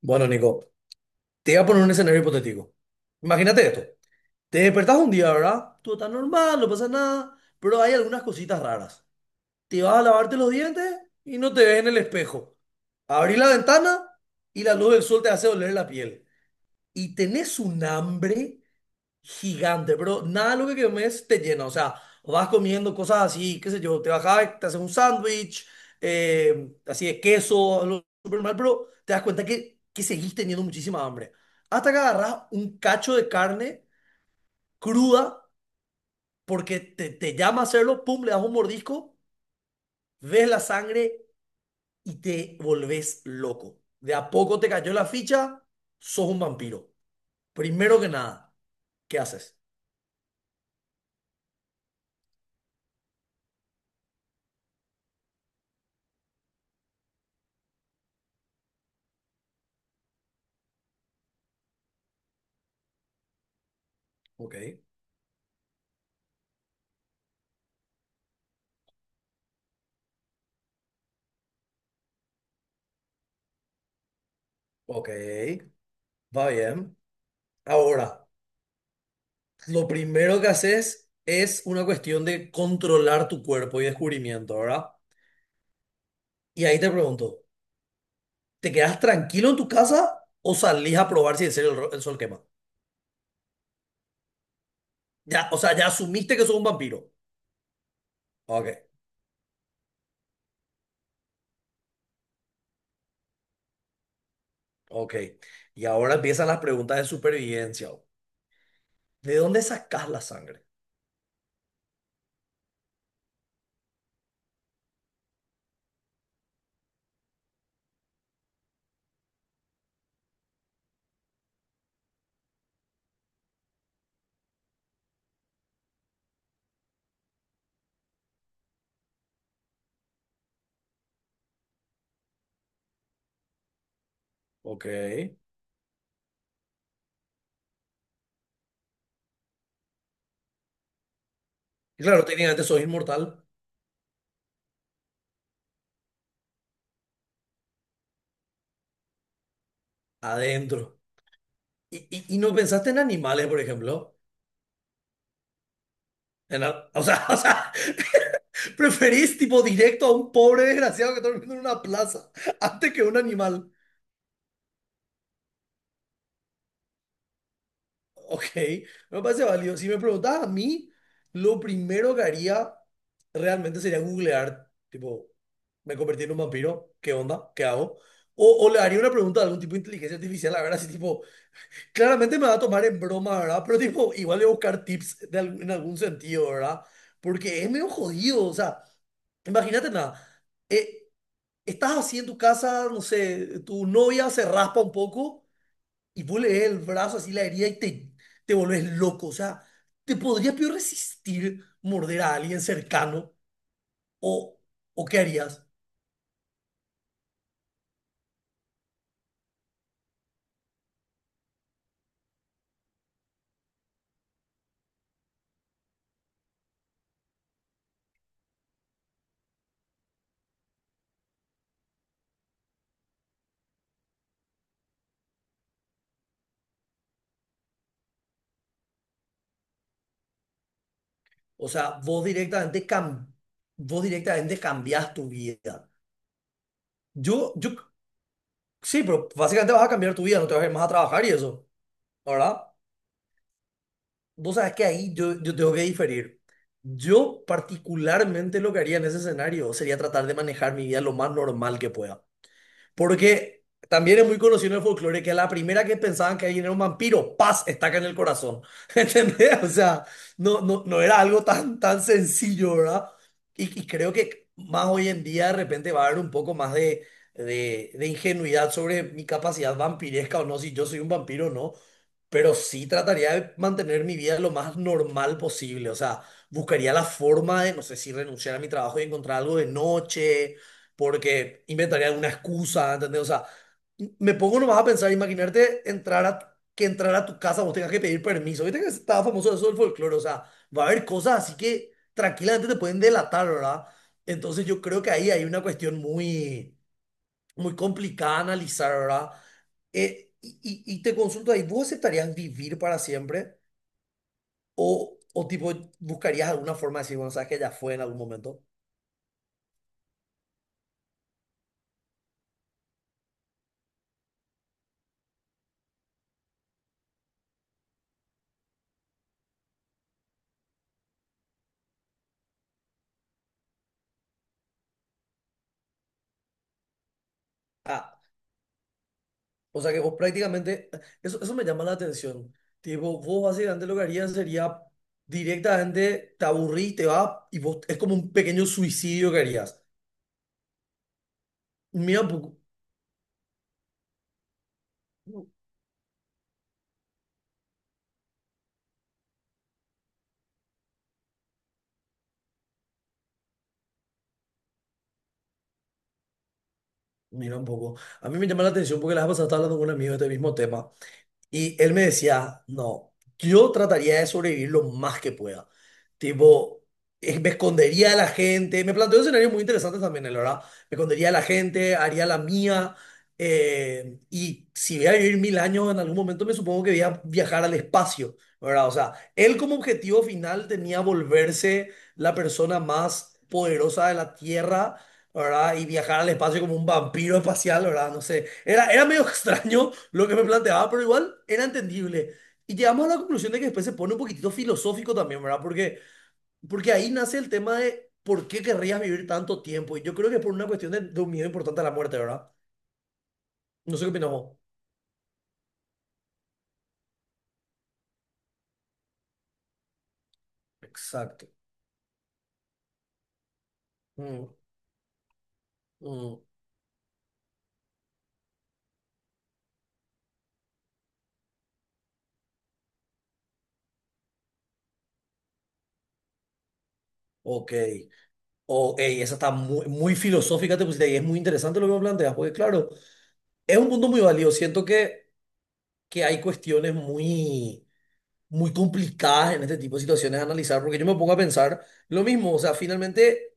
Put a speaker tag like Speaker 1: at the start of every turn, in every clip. Speaker 1: Bueno, Nico, te voy a poner un escenario hipotético. Imagínate esto. Te despertás un día, ¿verdad? Todo está normal, no pasa nada, pero hay algunas cositas raras. Te vas a lavarte los dientes y no te ves en el espejo. Abrís la ventana y la luz del sol te hace doler la piel. Y tenés un hambre gigante, pero nada de lo que comes te llena. O sea, vas comiendo cosas así, qué sé yo, te bajás, te haces un sándwich, así de queso, algo súper mal, pero te das cuenta que seguís teniendo muchísima hambre. Hasta que agarras un cacho de carne cruda, porque te llama a hacerlo, pum, le das un mordisco, ves la sangre y te volvés loco. De a poco te cayó la ficha, sos un vampiro. Primero que nada, ¿qué haces? Ok, ok, va bien. Ahora, lo primero que haces es una cuestión de controlar tu cuerpo y descubrimiento, ¿verdad? Y ahí te pregunto, ¿te quedas tranquilo en tu casa o salís a probar si en serio el sol quema? Ya, o sea, ya asumiste que sos un vampiro. Ok, ok. Y ahora empiezan las preguntas de supervivencia. ¿De dónde sacás la sangre? Ok. Y claro, técnicamente sos inmortal adentro. ¿Y no pensaste en animales, por ejemplo? En, a- o sea, o sea, preferís tipo directo a un pobre desgraciado que está durmiendo en una plaza antes que un animal. Ok, me parece válido. Si me preguntas a mí, lo primero que haría realmente sería googlear, tipo, me convertí en un vampiro, ¿qué onda? ¿Qué hago? O le haría una pregunta a algún tipo de inteligencia artificial, la verdad. Así tipo, claramente me va a tomar en broma, ¿verdad? Pero tipo, igual le voy a buscar tips de en algún sentido, ¿verdad? Porque es medio jodido, o sea, imagínate nada. eh, Estás así en tu casa, no sé, tu novia se raspa un poco y vos le ves el brazo así la herida y te volvés loco. O sea, ¿te podrías peor resistir morder a alguien cercano? ¿O, ¿O qué harías? O sea, vos directamente, cam Vos directamente cambiás tu vida. Yo, yo, sí, pero básicamente vas a cambiar tu vida, no te vas a ir más a trabajar y eso, ¿verdad? Vos sabés que ahí yo tengo que diferir. Yo particularmente lo que haría en ese escenario sería tratar de manejar mi vida lo más normal que pueda. Porque también es muy conocido en el folclore que a la primera que pensaban que alguien era un vampiro, paz, estaca en el corazón. ¿Entendés? O sea, no era algo tan sencillo, ¿verdad? Y creo que más hoy en día de repente va a haber un poco más de ingenuidad sobre mi capacidad vampiresca o no, si yo soy un vampiro o no. Pero sí trataría de mantener mi vida lo más normal posible. O sea, buscaría la forma de, no sé si renunciar a mi trabajo y encontrar algo de noche porque inventaría alguna excusa, ¿entendés? O sea, me pongo nomás a pensar, imaginarte que entrar a tu casa vos tengas que pedir permiso. Viste que estaba famoso eso del folclore, o sea, va a haber cosas así que tranquilamente te pueden delatar, ¿verdad? Entonces yo creo que ahí hay una cuestión muy complicada de analizar, ¿verdad? Y te consulto ahí, ¿vos aceptarías vivir para siempre? O tipo buscarías alguna forma de decir, bueno, sabes que ya fue en algún momento? Ah, o sea que vos prácticamente, eso me llama la atención. Tipo, vos básicamente lo que harías sería directamente te aburrís, te vas y vos es como un pequeño suicidio que harías. Mira un poco, mira un poco. A mí me llama la atención porque la vez pasada estaba hablando con un amigo de este mismo tema. Y él me decía, no, yo trataría de sobrevivir lo más que pueda. Tipo, me escondería de la gente. Me planteó escenarios muy interesantes también, la verdad. Me escondería de la gente, haría la mía. Y si voy a vivir 1000 años, en algún momento me supongo que voy a viajar al espacio, ¿verdad? O sea, él como objetivo final tenía volverse la persona más poderosa de la Tierra, ¿verdad? Y viajar al espacio como un vampiro espacial, ¿verdad? No sé. Era medio extraño lo que me planteaba, pero igual era entendible. Y llegamos a la conclusión de que después se pone un poquitito filosófico también, ¿verdad? Porque ahí nace el tema de por qué querrías vivir tanto tiempo. Y yo creo que es por una cuestión de un miedo importante a la muerte, ¿verdad? No sé qué opinas vos. Exacto. Mm, mm, ok. Oh, ey, esa está muy filosófica, te pusiste, y es muy interesante lo que me planteas, porque claro, es un punto muy válido. Siento que hay cuestiones muy muy complicadas en este tipo de situaciones analizar, porque yo me pongo a pensar lo mismo, o sea, finalmente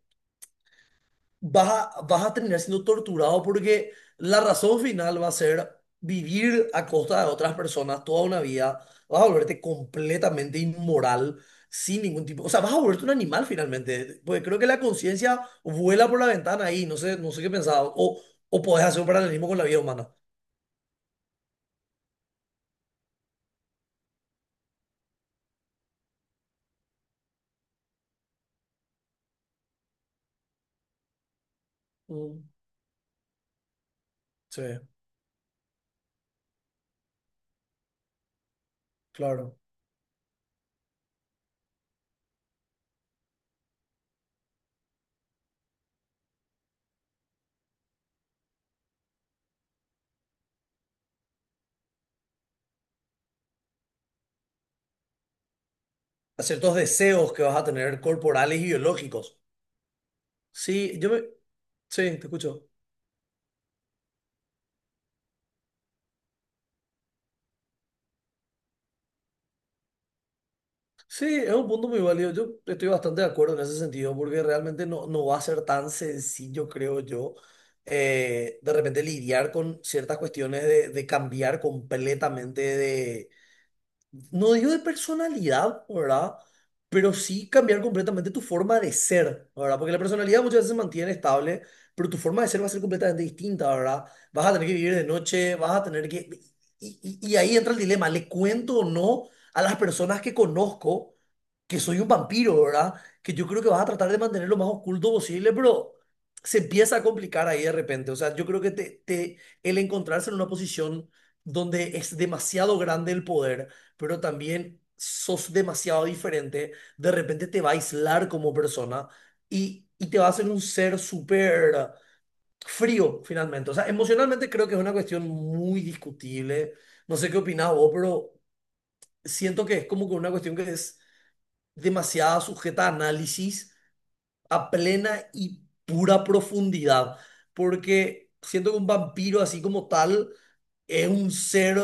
Speaker 1: vas vas a terminar siendo torturado porque la razón final va a ser vivir a costa de otras personas toda una vida, vas a volverte completamente inmoral, sin ningún tipo, o sea, vas a volverte un animal finalmente, porque creo que la conciencia vuela por la ventana ahí, no sé, no sé qué pensaba, o podés hacer un paralelismo con la vida humana. Mm, sí, claro. A ciertos deseos que vas a tener corporales y biológicos. Sí, yo me... Sí, te escucho. Sí, es un punto muy válido. Yo estoy bastante de acuerdo en ese sentido, porque realmente no va a ser tan sencillo, creo yo, de repente lidiar con ciertas cuestiones de cambiar completamente de. No digo de personalidad, ¿verdad? Pero sí cambiar completamente tu forma de ser, ¿verdad? Porque la personalidad muchas veces se mantiene estable, pero tu forma de ser va a ser completamente distinta, ¿verdad? Vas a tener que vivir de noche, vas a tener que... Y ahí entra el dilema, ¿le cuento o no a las personas que conozco? Que soy un vampiro, ¿verdad? Que yo creo que vas a tratar de mantener lo más oculto posible, pero se empieza a complicar ahí de repente. O sea, yo creo que el encontrarse en una posición donde es demasiado grande el poder, pero también sos demasiado diferente, de repente te va a aislar como persona y te va a hacer un ser súper frío finalmente. O sea, emocionalmente creo que es una cuestión muy discutible. No sé qué opinás vos, pero siento que es como que una cuestión que es demasiada sujeta a análisis a plena y pura profundidad, porque siento que un vampiro así como tal es un ser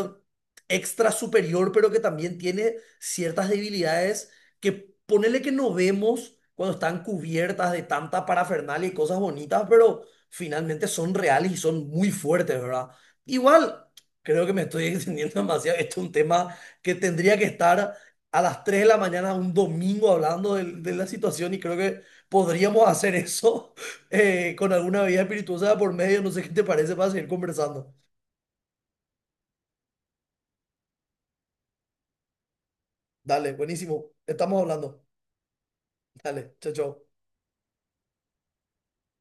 Speaker 1: extra superior, pero que también tiene ciertas debilidades que ponele que no vemos cuando están cubiertas de tanta parafernalia y cosas bonitas, pero finalmente son reales y son muy fuertes, ¿verdad? Igual, creo que me estoy extendiendo demasiado. Esto es un tema que tendría que estar a las 3 de la mañana un domingo hablando de la situación y creo que podríamos hacer eso con alguna bebida espirituosa por medio. No sé qué te parece para seguir conversando. Dale, buenísimo. Estamos hablando. Dale, chao, chao.